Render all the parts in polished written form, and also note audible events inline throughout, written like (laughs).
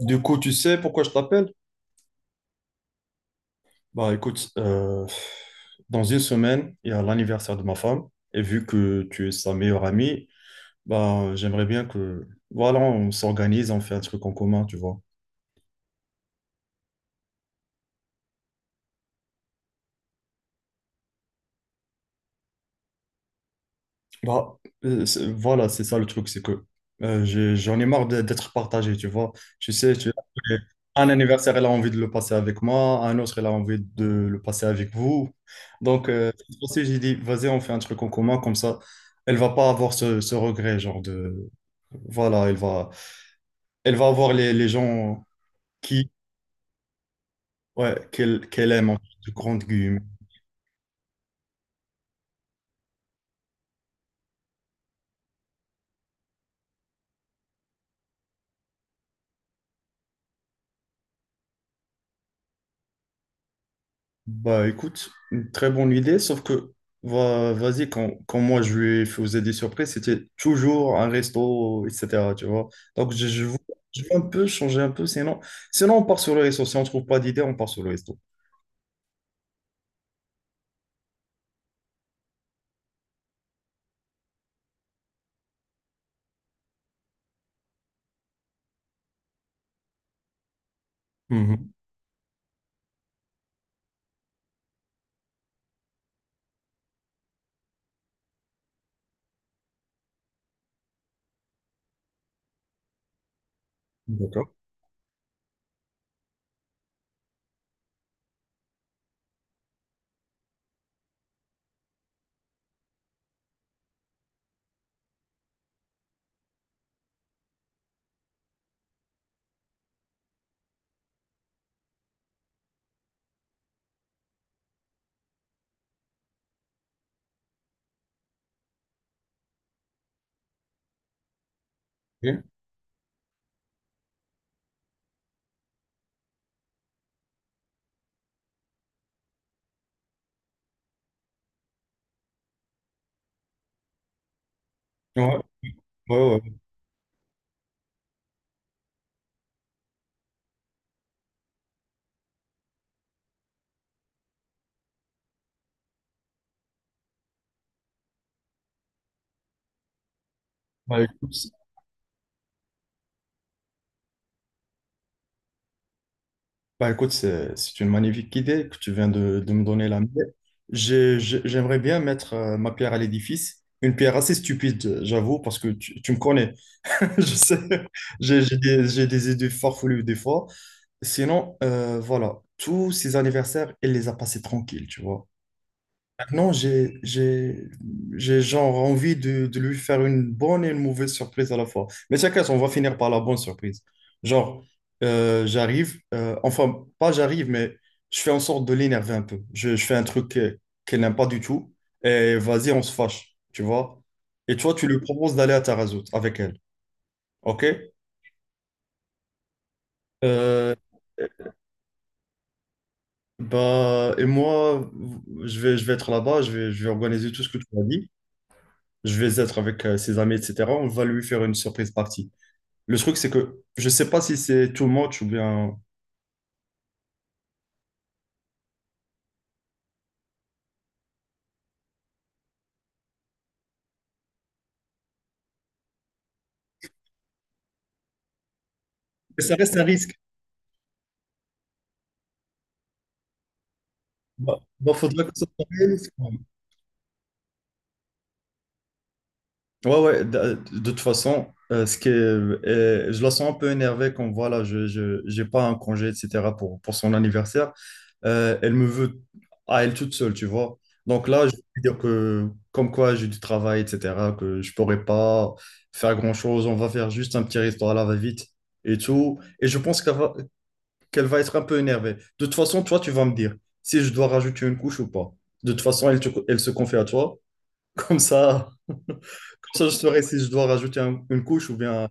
Du coup, tu sais pourquoi je t'appelle? Bah écoute, dans une semaine, il y a l'anniversaire de ma femme, et vu que tu es sa meilleure amie, bah j'aimerais bien que, voilà, on s'organise, on fait un truc en commun, tu vois. Bah, voilà, c'est ça le truc, c'est que j'en ai marre d'être partagé, tu vois. Tu sais, tu- un anniversaire, elle a envie de le passer avec moi, un autre, elle a envie de le passer avec vous. Donc, c'est pour ça que j'ai dit, vas-y, on fait un truc en commun, comme ça, elle va pas avoir ce regret, genre de... Voilà, elle va avoir les gens qui, ouais, qu'elle aime, en de grandes guillemets. Bah écoute, une très bonne idée, sauf que vas-y, quand moi je lui faisais des surprises, c'était toujours un resto, etc. Tu vois. Donc je, je, veux- je veux un peu changer un peu, sinon, sinon on part sur le resto. Si on trouve pas d'idée, on part sur le resto. Mhm. D'accord. Ok. Ouais, ouais, ouais. Bah écoute, c'est- Bah, écoute, c'est une magnifique idée que tu viens de me donner la mienne. J'aimerais bien mettre ma pierre à l'édifice, une pierre assez stupide, j'avoue, parce que tu me connais. (laughs) Je sais, j'ai des idées farfelues des fois. Sinon, voilà, tous ces anniversaires, elle les a passés tranquilles, tu vois. Maintenant, j'ai genre envie de lui faire une bonne et une mauvaise surprise à la fois. Mais chacun, on va finir par la bonne surprise. Genre, j'arrive, enfin, pas j'arrive, mais je fais en sorte de l'énerver un peu. Je fais un truc qu'elle n'aime pas du tout. Et vas-y, on se fâche, tu vois. Et toi, tu lui proposes d'aller à Tarazout avec elle, ok? Euh, et moi, je vais être là-bas, je vais organiser tout ce que tu m'as dit. Je vais être avec ses amis, etc. On va lui faire une surprise partie. Le truc, c'est que je sais pas si c'est too much ou bien. Mais ça reste un risque. Faudra que ça soit réaliste, quand même. Ouais, ouais, de toute façon, je la sens un peu énervée quand voilà, j'ai pas un congé, etc. Pour son anniversaire. Elle me veut à elle toute seule, tu vois. Donc là, je vais dire que comme quoi j'ai du travail, etc., que je pourrais pas faire grand-chose, on va faire juste un petit restaurant à la va-vite et tout. Et je pense qu'elle va être un peu énervée. De toute façon, toi, tu vas me dire si je dois rajouter une couche ou pas. De toute façon, elle se confie à toi. (laughs) Comme ça, je saurai si je dois rajouter une couche ou bien...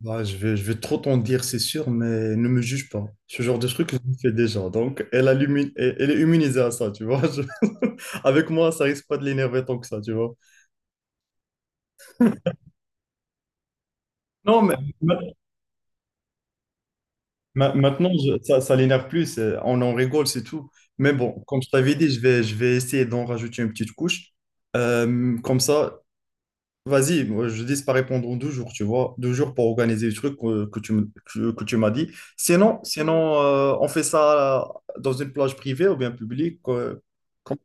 Je vais trop t'en dire, c'est sûr, mais ne me juge pas. Ce genre de truc, je le fais déjà. Donc, elle, a l'immu- elle elle est immunisée à ça, tu vois. Je- (laughs) Avec moi, ça risque pas de l'énerver tant que ça, tu vois. Non, mais ma- maintenant, ça, ça l'énerve plus. On en rigole, c'est tout. Mais bon, comme je t'avais dit, je vais essayer d'en rajouter une petite couche. Comme ça, vas-y, moi, je dis pas répondre en deux jours, tu vois, deux jours pour organiser le truc que tu m'as dit. Sinon, on fait ça dans une plage privée ou bien publique. Comme-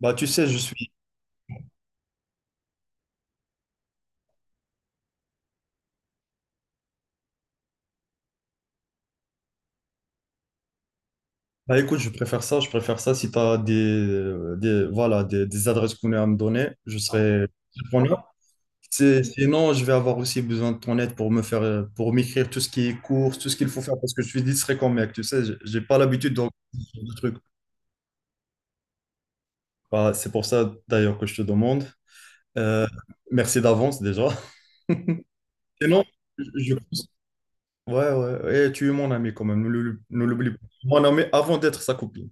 Bah, tu sais, je suis. Bah, écoute, je préfère ça, je préfère ça. Si tu as voilà, des adresses qu'on a à me donner, je serai preneur. Sinon, je vais avoir aussi besoin de ton aide pour me faire, pour m'écrire tout ce qui est course, tout ce qu'il faut faire, parce que je suis distrait comme mec, tu sais, j'ai pas l'habitude de trucs. Bah, c'est pour ça d'ailleurs que je te demande. Euh, Merci d'avance déjà. Sinon, je pense. Ouais, ouais, et tu es mon ami quand même, ne l'oublie pas. Mon ami avant d'être sa copine.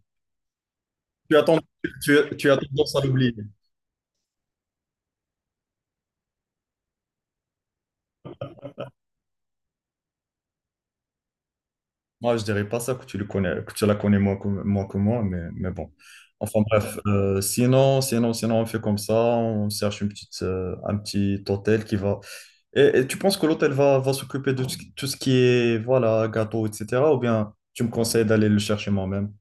Tu as tendance, tu as tendance à l'oublier. Moi, je dirais pas ça que tu la connais moins que moi, mais bon. Enfin bref, sinon, on fait comme ça, on cherche une petite, un petit hôtel qui va. Et tu penses que l'hôtel va s'occuper de tout ce qui est, voilà, gâteau, etc. Ou bien tu me conseilles d'aller le chercher moi-même?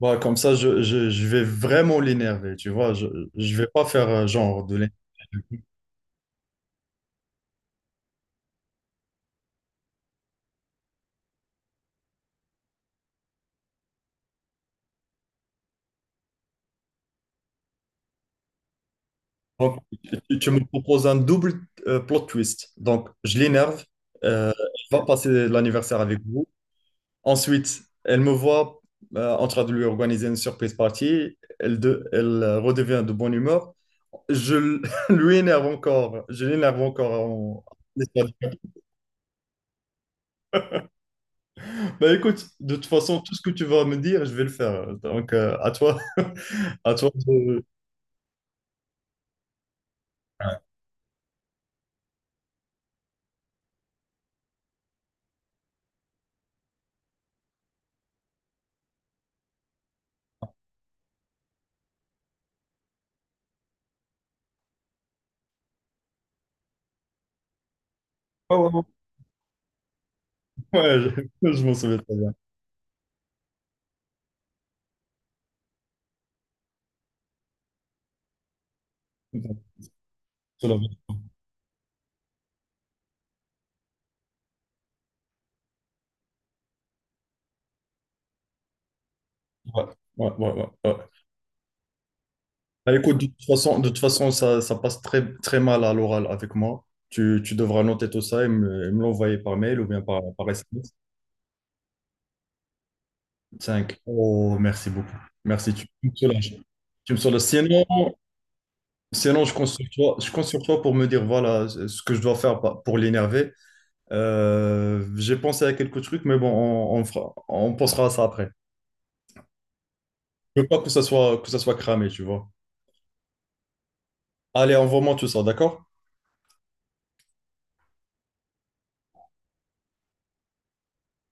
Bah, comme ça, je vais vraiment l'énerver, tu vois. Je vais pas faire genre de l'énerver. Donc, tu me proposes un double plot twist. Donc, je l'énerve, euh, elle va passer l'anniversaire avec vous. Ensuite, elle me voit en train de lui organiser une surprise party. Elle redevient de bonne humeur. Je l- (laughs) Lui énerve encore. Je l'énerve encore. Bah écoute, de toute façon, tout ce que tu vas me dire, je vais le faire. Donc, à toi, (laughs) à toi ouais, ouais, ouais. Ouais, je, (laughs) je m'en souviens très bien. Ouais, ouais, ouais, ouais, ouais. Bah, écoute, de toute façon ça passe très, très mal à l'oral avec moi. Tu devras noter tout ça et et me l'envoyer par mail ou bien par SMS. 5. Oh, merci beaucoup. Merci, tu me soulages. Tu me soulages. Sinon, sinon je compte sur toi, je compte sur toi pour me dire voilà ce que je dois faire pour l'énerver. J'ai pensé à quelques trucs, mais bon, on pensera à ça après. Je veux pas que ça soit cramé, tu vois. Allez, envoie-moi tout ça, d'accord?